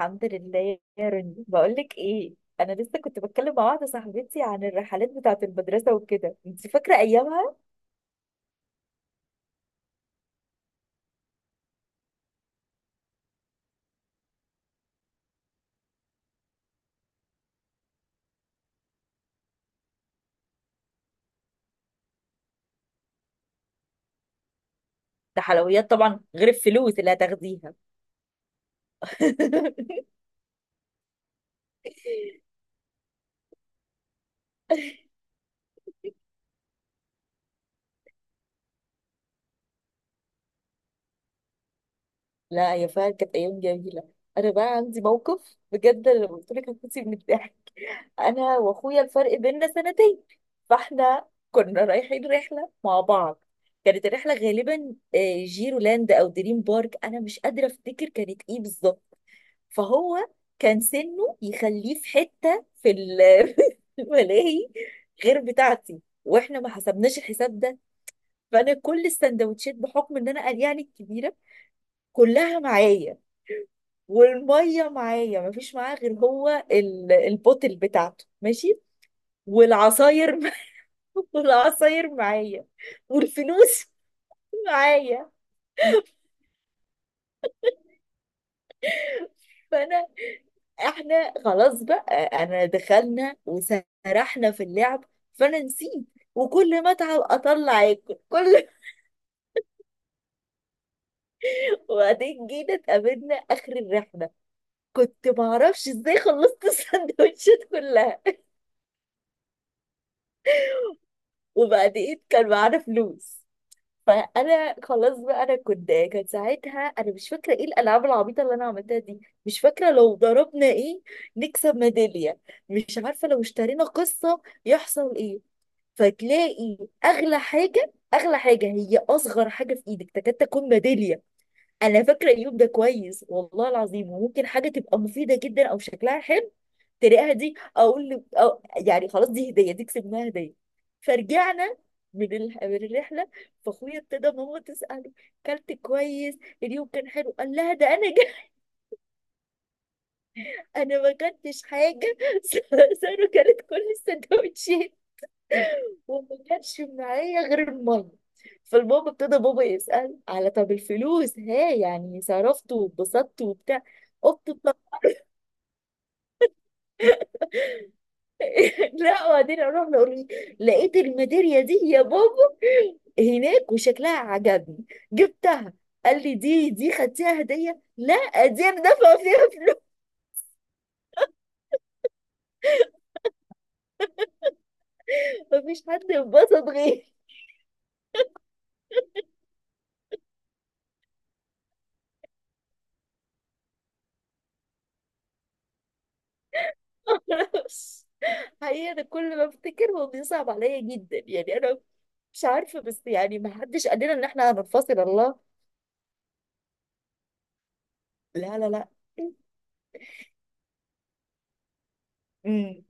الحمد لله يا رني، بقول لك ايه. انا لسه كنت بتكلم مع واحده صاحبتي عن الرحلات بتاعه المدرسه وكده، انت فاكره ايامها؟ ده حلويات طبعا غير الفلوس اللي هتاخديها. لا يا، فعلا كانت ايام جميله. انا بقى عندي موقف بجد، أنا لو قلت لك هتموتي من الضحك. انا واخويا الفرق بيننا سنتين، فاحنا كنا رايحين رحله مع بعض. كانت الرحله غالبا جيرولاند او دريم بارك، انا مش قادره افتكر كانت ايه بالظبط. فهو كان سنه يخليه في حتة في الملاهي غير بتاعتي، واحنا ما حسبناش الحساب ده. فانا كل السندوتشات بحكم ان انا قلياني الكبيره كلها معايا، والميه معايا، ما فيش معاه غير هو البوتل بتاعته ماشي، والعصاير والعصاير معايا، والفلوس معايا. فانا احنا خلاص بقى، انا دخلنا وسرحنا في اللعب، فانا نسيت، وكل ما اتعب اطلع اكل كل. وبعدين جينا اتقابلنا اخر الرحله، كنت معرفش ازاي خلصت السندوتشات كلها. وبعدين كان معانا فلوس، فانا خلاص بقى، انا كنت، كان ساعتها، انا مش فاكره ايه الالعاب العبيطه اللي انا عملتها دي، مش فاكره لو ضربنا ايه نكسب ميداليه، مش عارفه لو اشترينا قصه يحصل ايه. فتلاقي اغلى حاجه، اغلى حاجه هي اصغر حاجه في ايدك تكاد تكون ميداليه. انا فاكره اليوم ده كويس والله العظيم، وممكن حاجه تبقى مفيده جدا او شكلها حلو تلاقيها، دي اقول له أو يعني خلاص، دي هديه، دي كسبناها هديه. فرجعنا من الرحله. فاخويا ابتدى ماما تساله، كلت كويس؟ اليوم كان حلو؟ قال لها، ده انا جا انا ما كلتش حاجه. ساره كلت كل السندوتشات، وما كانش معايا غير المية. فالبابا ابتدى بابا يسأل على، طب الفلوس ها، يعني صرفت واتبسطت وبتاع. قلت، طب لا، وبعدين اروح له، لقيت الميدالية دي يا بابا هناك وشكلها عجبني، جبتها. قال لي، دي خدتيها هدية؟ لا، دي انا دافعة فيها فلوس. مفيش حد انبسط غيري. معرفش. حقيقة أنا كل ما أفتكر هو بيصعب عليا جدا، يعني أنا مش عارفة، بس يعني ما حدش قال لنا إن إحنا هننفصل الله. لا لا لا. امم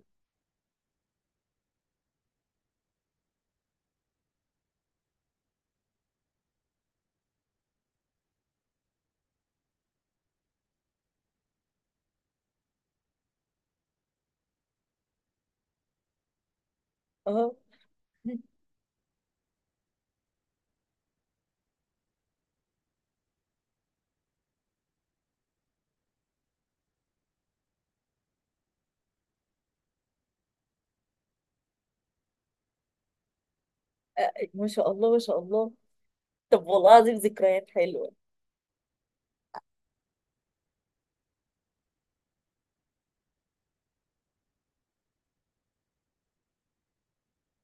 اه. آه، ما شاء الله ما شاء الله. طب والله العظيم، ذكريات حلوة.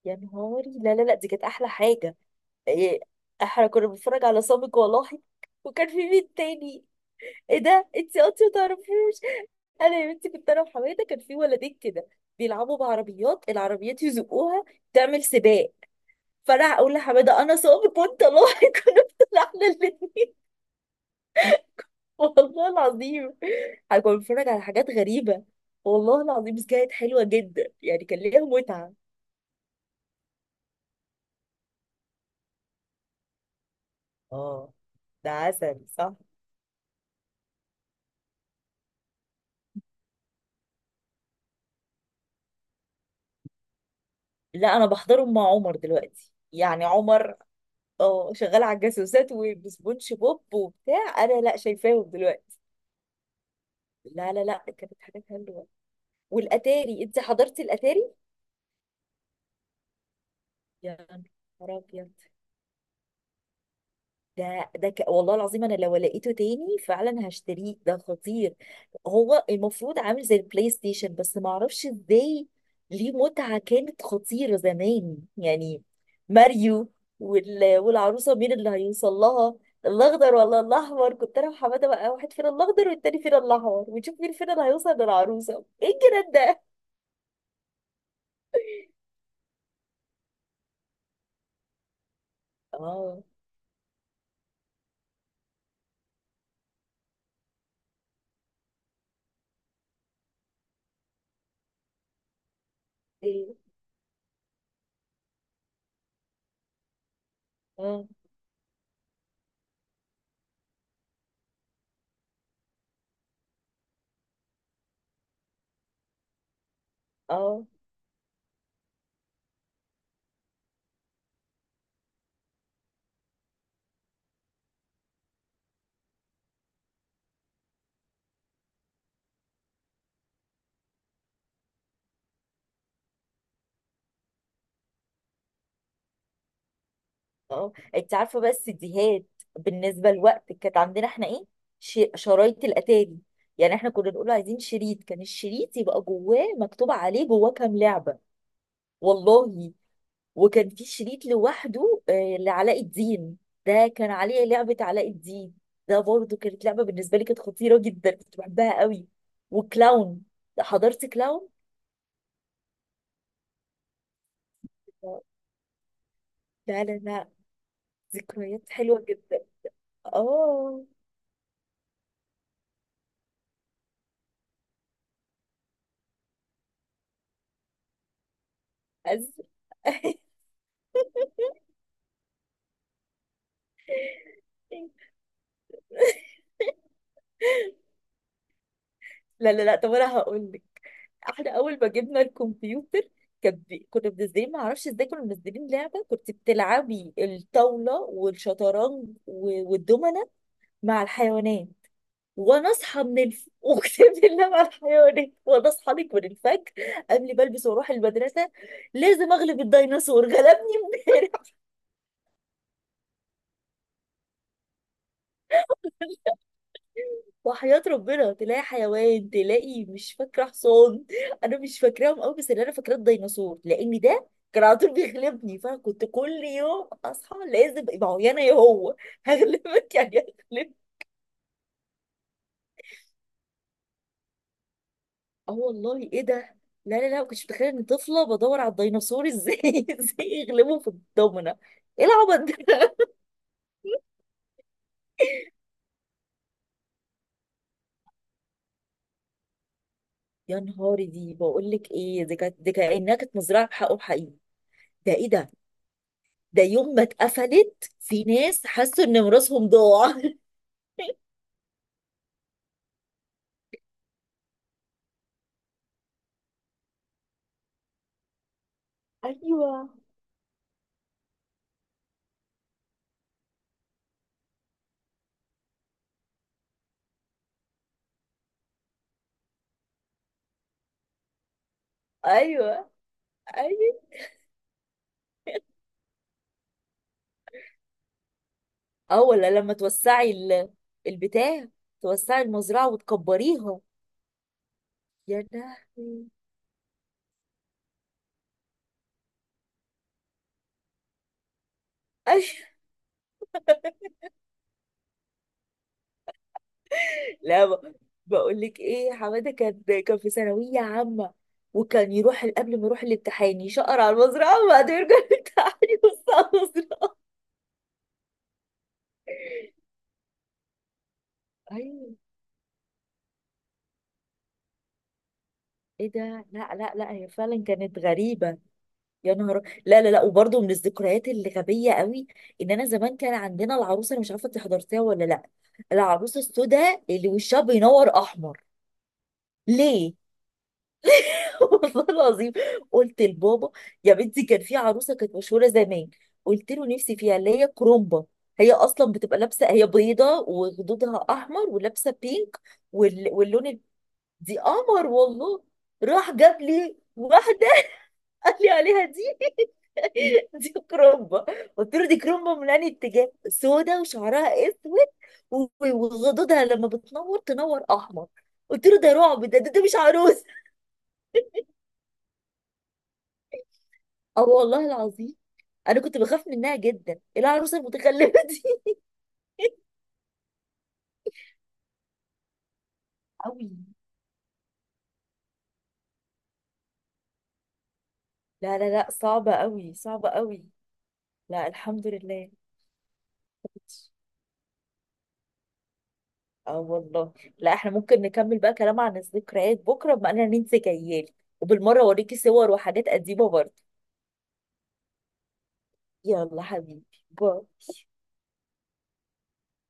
يا نهاري، لا لا لا، دي كانت أحلى حاجة. إيه، احنا كنا بنتفرج على سابق ولاحق، وكان في مين تاني؟ ايه ده، انت اصلا متعرفوش؟ انا يا بنتي كنت انا وحماده، كان في ولدين كده بيلعبوا بعربيات، العربيات يزقوها، تعمل سباق. فانا اقول لحماده، انا سابق وانت لاحق. كنا طلعنا. والله العظيم، انا كنت بتفرج على حاجات غريبة والله العظيم، بس كانت حلوة جدا، يعني كان ليها متعة. اه، ده عسل صح. لا انا بحضرهم مع عمر دلوقتي، يعني عمر اه شغال على الجاسوسات وبسبونج بوب وبتاع، انا لا شايفاهم دلوقتي. لا لا لا كانت حاجات حلوة. والاتاري، انت حضرتي الاتاري؟ يا نهار ابيض، ده والله العظيم انا لو لقيته تاني فعلا هشتريه، ده خطير. هو المفروض عامل زي البلاي ستيشن، بس ما اعرفش ازاي، ليه متعة كانت خطيرة زمان يعني. ماريو والعروسة مين اللي هيوصل لها، الاخضر ولا الاحمر؟ كنت انا وحماده بقى، واحد فينا الاخضر والتاني فينا الاحمر، ونشوف مين فينا اللي هيوصل للعروسه. ايه الجنان ده. اه. ايه. اه اه اه. انت عارفه بس ديهات بالنسبه لوقت، كانت عندنا احنا ايه، شرايط الاتاري. يعني احنا كنا نقول عايزين شريط، كان الشريط يبقى جواه مكتوب عليه جواه كام لعبه. والله. وكان في شريط لوحده لعلاء الدين، ده كان عليه لعبه علاء الدين. ده برضه كانت لعبه بالنسبه لي كانت خطيره جدا، كنت بحبها قوي. وكلاون، حضرت كلاون. لا لا لا، ذكريات حلوه جدا. اه أز... لا لا لا، طب انا هقول لك. احنا اول ما جبنا الكمبيوتر، كان كنا منزلين ما اعرفش ازاي، كنا منزلين لعبه كنت بتلعبي الطاوله والشطرنج والدومنه مع الحيوانات. وانا اصحى من اقسم بالله، مع الحيوانات، وانا اصحى لك من الفجر قبل ما البس واروح المدرسه، لازم اغلب الديناصور. غلبني امبارح. وحياة ربنا تلاقي حيوان، تلاقي مش فاكرة حصان، أنا مش فاكراهم أوي بس اللي أنا فاكراه الديناصور، لأن ده كان على طول بيغلبني، فأنا كنت كل يوم أصحى، لازم، ما هو يا أنا يا هو، هغلبك يعني، هغلبك. أه والله إيه ده. لا لا لا، ما كنتش متخيلة إن طفلة بدور على الديناصور إزاي إزاي يغلبه في الضمنة. إيه العبط ده. يا نهاري، دي بقول لك إيه، دي كانت دي كأنها كانت مزرعة بحقهم حقيقي. ده إيه ده. ده يوم ما اتقفلت في ناس حسوا ان ميراثهم ضاع. ايوه ايوه ايوه. اه ولا لما توسعي البتاع، توسعي المزرعه وتكبريها. يا لهوي. أش- لا بقول لك ايه، حماده كان في ثانويه عامه، وكان يروح قبل ما يروح الامتحان يشقر على المزرعه وبعدين يرجع، الامتحان يبص على المزرعه. ايوه. ايه ده، لا لا لا، هي فعلا كانت غريبه. يا نهار، لا لا لا، وبرضه من الذكريات اللي غبيه قوي، ان انا زمان كان عندنا العروسه، انا مش عارفه انت حضرتيها ولا لا، العروسه السوداء اللي وشها بينور احمر. ليه؟ والله العظيم قلت لبابا، يا بنتي كان في عروسه كانت مشهوره زمان، قلت له نفسي فيها، اللي هي كرومبا، هي اصلا بتبقى لابسه، هي بيضه وخدودها احمر ولابسه بينك، واللون دي قمر والله. راح جاب لي واحده، قال لي عليها دي دي كرومبا. قلت له، دي كرومبا من انهي اتجاه، سودا وشعرها اسود وغدودها لما بتنور تنور احمر. قلت له ده رعب، ده، ده مش عروسه. اه والله العظيم انا كنت بخاف منها جدا، إيه العروسه المتخلفه دي. قوي، لا لا لا، صعبه قوي صعبه قوي. لا الحمد لله. اه والله. لا احنا ممكن نكمل بقى كلام عن الذكريات بكره، بما اننا ننسى جيالي، وبالمره اوريكي صور وحاجات قديمه برضه. يلا حبيبي، باي.